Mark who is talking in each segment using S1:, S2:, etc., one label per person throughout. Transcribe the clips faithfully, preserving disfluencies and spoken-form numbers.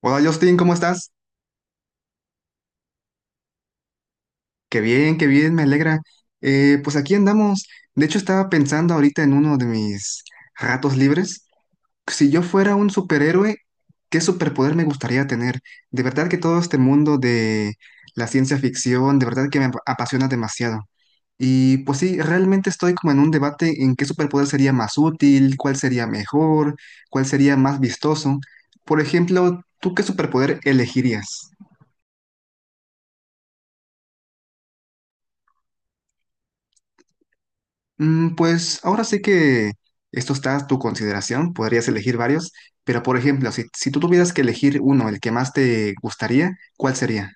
S1: Hola, Justin, ¿cómo estás? Qué bien, qué bien, me alegra. Eh, pues aquí andamos. De hecho, estaba pensando ahorita en uno de mis ratos libres. Si yo fuera un superhéroe, ¿qué superpoder me gustaría tener? De verdad que todo este mundo de la ciencia ficción, de verdad que me ap- apasiona demasiado. Y pues sí, realmente estoy como en un debate en qué superpoder sería más útil, cuál sería mejor, cuál sería más vistoso. Por ejemplo, ¿tú qué superpoder elegirías? Mm, Pues ahora sí que esto está a tu consideración, podrías elegir varios, pero, por ejemplo, si, si tú tuvieras que elegir uno, el que más te gustaría, ¿cuál sería?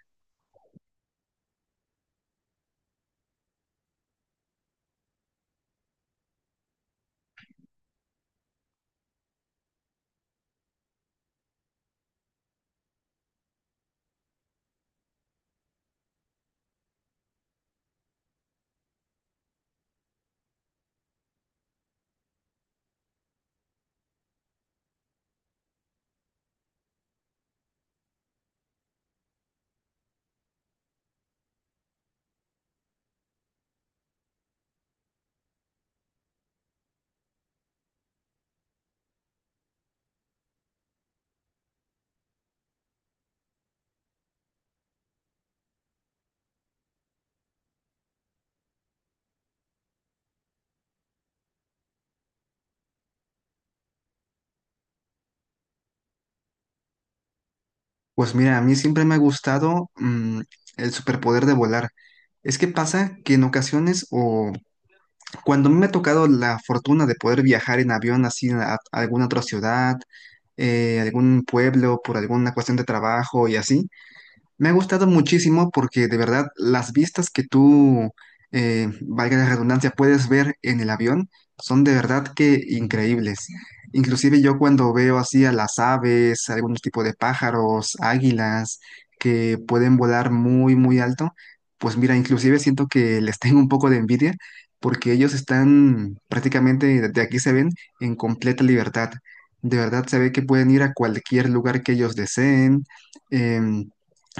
S1: Pues mira, a mí siempre me ha gustado mm, el superpoder de volar. Es que pasa que en ocasiones, o cuando a mí me ha tocado la fortuna de poder viajar en avión así a, a alguna otra ciudad, eh, algún pueblo, por alguna cuestión de trabajo y así. Me ha gustado muchísimo porque de verdad las vistas que tú, eh, valga la redundancia, puedes ver en el avión son de verdad que increíbles. Inclusive yo, cuando veo así a las aves, algún tipo de pájaros, águilas que pueden volar muy, muy alto, pues mira, inclusive siento que les tengo un poco de envidia porque ellos están prácticamente, de aquí se ven, en completa libertad. De verdad se ve que pueden ir a cualquier lugar que ellos deseen. em,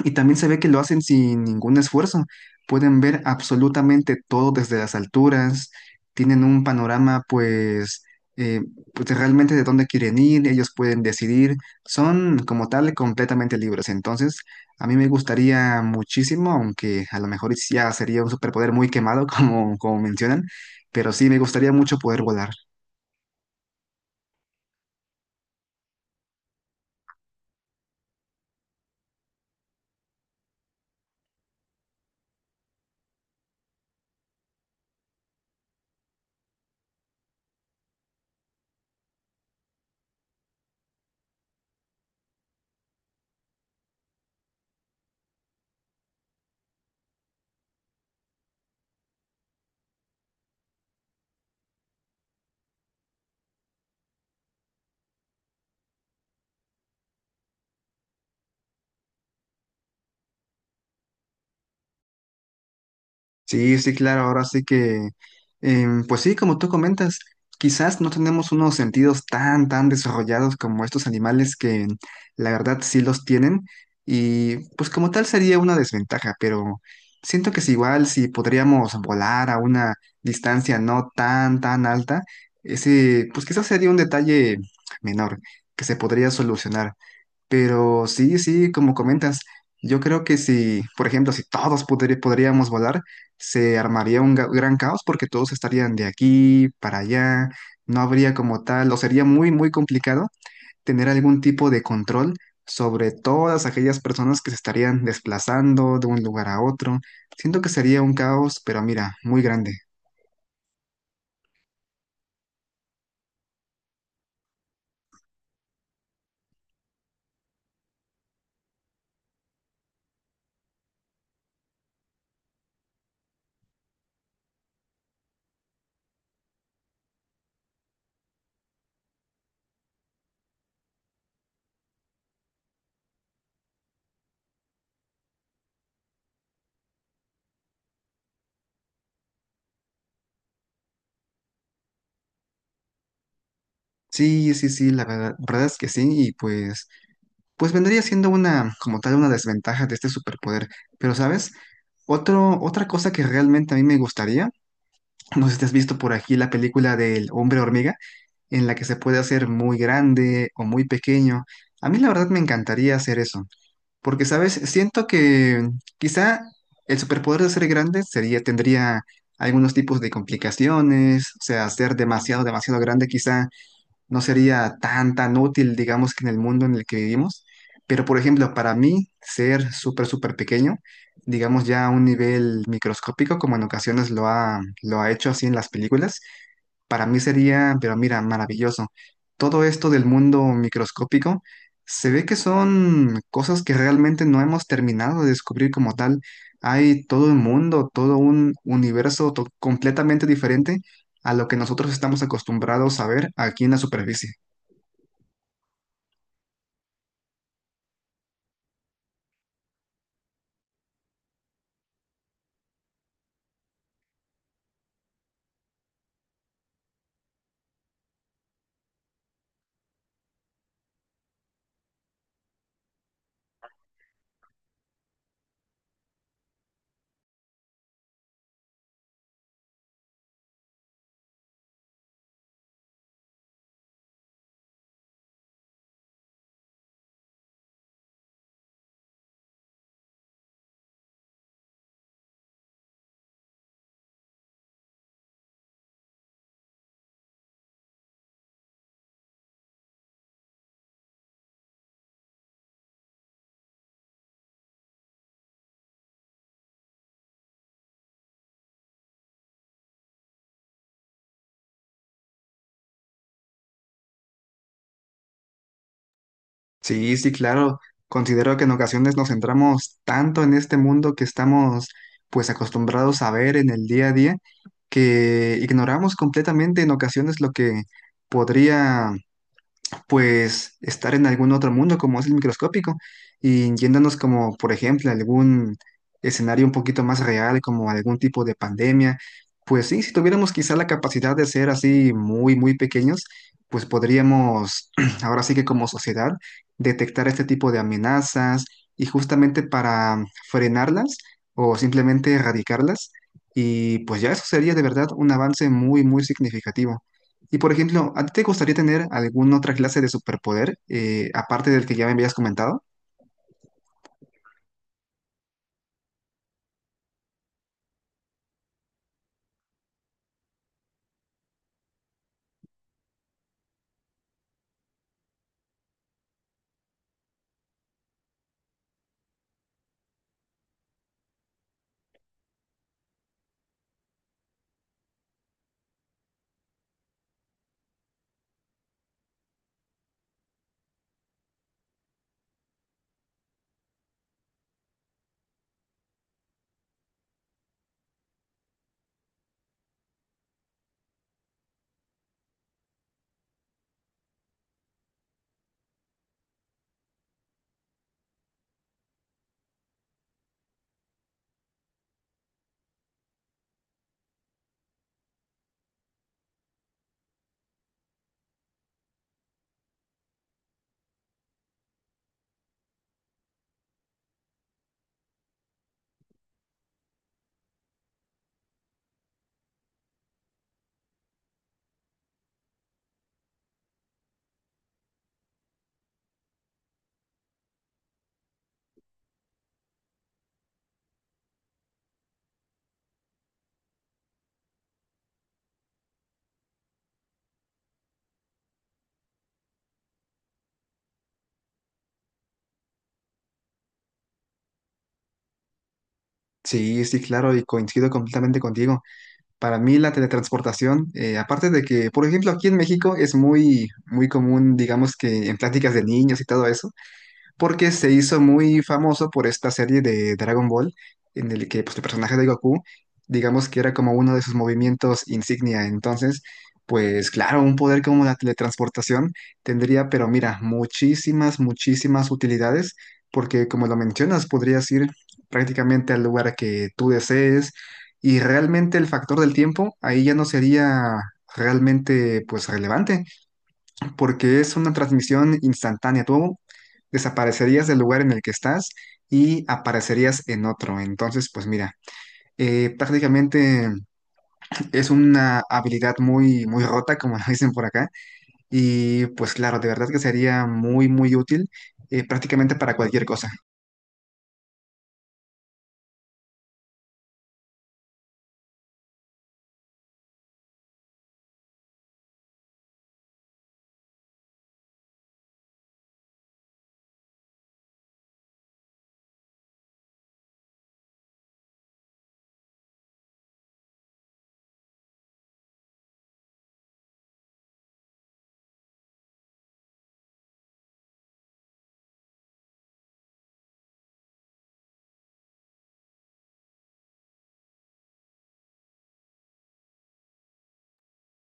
S1: y también se ve que lo hacen sin ningún esfuerzo. Pueden ver absolutamente todo desde las alturas, tienen un panorama pues, eh, pues de realmente de dónde quieren ir, ellos pueden decidir, son como tal completamente libres. Entonces, a mí me gustaría muchísimo, aunque a lo mejor ya sería un superpoder muy quemado como, como mencionan, pero sí me gustaría mucho poder volar. Sí, sí, claro, ahora sí que, em, pues sí, como tú comentas, quizás no tenemos unos sentidos tan, tan desarrollados como estos animales, que la verdad sí los tienen, y pues como tal sería una desventaja, pero siento que es igual si podríamos volar a una distancia no tan, tan alta, ese, pues quizás sería un detalle menor que se podría solucionar. Pero sí, sí, como comentas, yo creo que si, por ejemplo, si todos podri- podríamos volar, se armaría un ga- gran caos porque todos estarían de aquí para allá, no habría como tal, o sería muy, muy complicado tener algún tipo de control sobre todas aquellas personas que se estarían desplazando de un lugar a otro. Siento que sería un caos, pero mira, muy grande. Sí, sí, sí, la verdad, verdad es que sí, y pues, pues vendría siendo una, como tal, una desventaja de este superpoder. Pero ¿sabes? Otro, otra cosa que realmente a mí me gustaría, no sé si te has visto por aquí la película del hombre hormiga, en la que se puede hacer muy grande o muy pequeño. A mí la verdad me encantaría hacer eso, porque, ¿sabes? Siento que quizá el superpoder de ser grande sería, tendría algunos tipos de complicaciones, o sea, ser demasiado, demasiado grande quizá no sería tan, tan útil, digamos, que en el mundo en el que vivimos. Pero, por ejemplo, para mí, ser súper, súper pequeño, digamos ya a un nivel microscópico, como en ocasiones lo ha, lo ha hecho así en las películas, para mí sería, pero mira, maravilloso. Todo esto del mundo microscópico se ve que son cosas que realmente no hemos terminado de descubrir como tal. Hay todo un mundo, todo un universo to- completamente diferente a lo que nosotros estamos acostumbrados a ver aquí en la superficie. Sí, sí, claro. Considero que en ocasiones nos centramos tanto en este mundo, que estamos pues acostumbrados a ver en el día a día, que ignoramos completamente en ocasiones lo que podría pues estar en algún otro mundo, como es el microscópico, y yéndonos como, por ejemplo, a algún escenario un poquito más real, como algún tipo de pandemia, pues sí, si tuviéramos quizá la capacidad de ser así muy, muy pequeños, pues podríamos, ahora sí que como sociedad, detectar este tipo de amenazas y justamente para frenarlas o simplemente erradicarlas. Y pues ya eso sería de verdad un avance muy, muy significativo. Y, por ejemplo, ¿a ti te gustaría tener alguna otra clase de superpoder, eh, aparte del que ya me habías comentado? Sí, sí, claro, y coincido completamente contigo. Para mí la teletransportación, eh, aparte de que, por ejemplo, aquí en México es muy, muy común, digamos que en pláticas de niños y todo eso, porque se hizo muy famoso por esta serie de Dragon Ball, en el que pues el personaje de Goku, digamos que era como uno de sus movimientos insignia. Entonces, pues claro, un poder como la teletransportación tendría, pero mira, muchísimas, muchísimas utilidades, porque como lo mencionas, podrías ir prácticamente al lugar que tú desees, y realmente el factor del tiempo ahí ya no sería realmente pues relevante, porque es una transmisión instantánea. Tú desaparecerías del lugar en el que estás y aparecerías en otro. Entonces, pues mira, eh, prácticamente es una habilidad muy, muy rota, como lo dicen por acá. Y pues claro, de verdad que sería muy, muy útil, eh, prácticamente para cualquier cosa.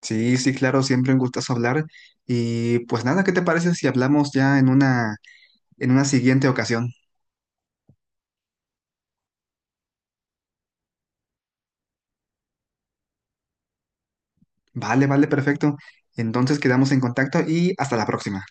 S1: Sí, sí, claro, siempre un gustazo hablar. Y pues nada, ¿qué te parece si hablamos ya en una, en una siguiente ocasión? Vale, vale, perfecto. Entonces quedamos en contacto y hasta la próxima.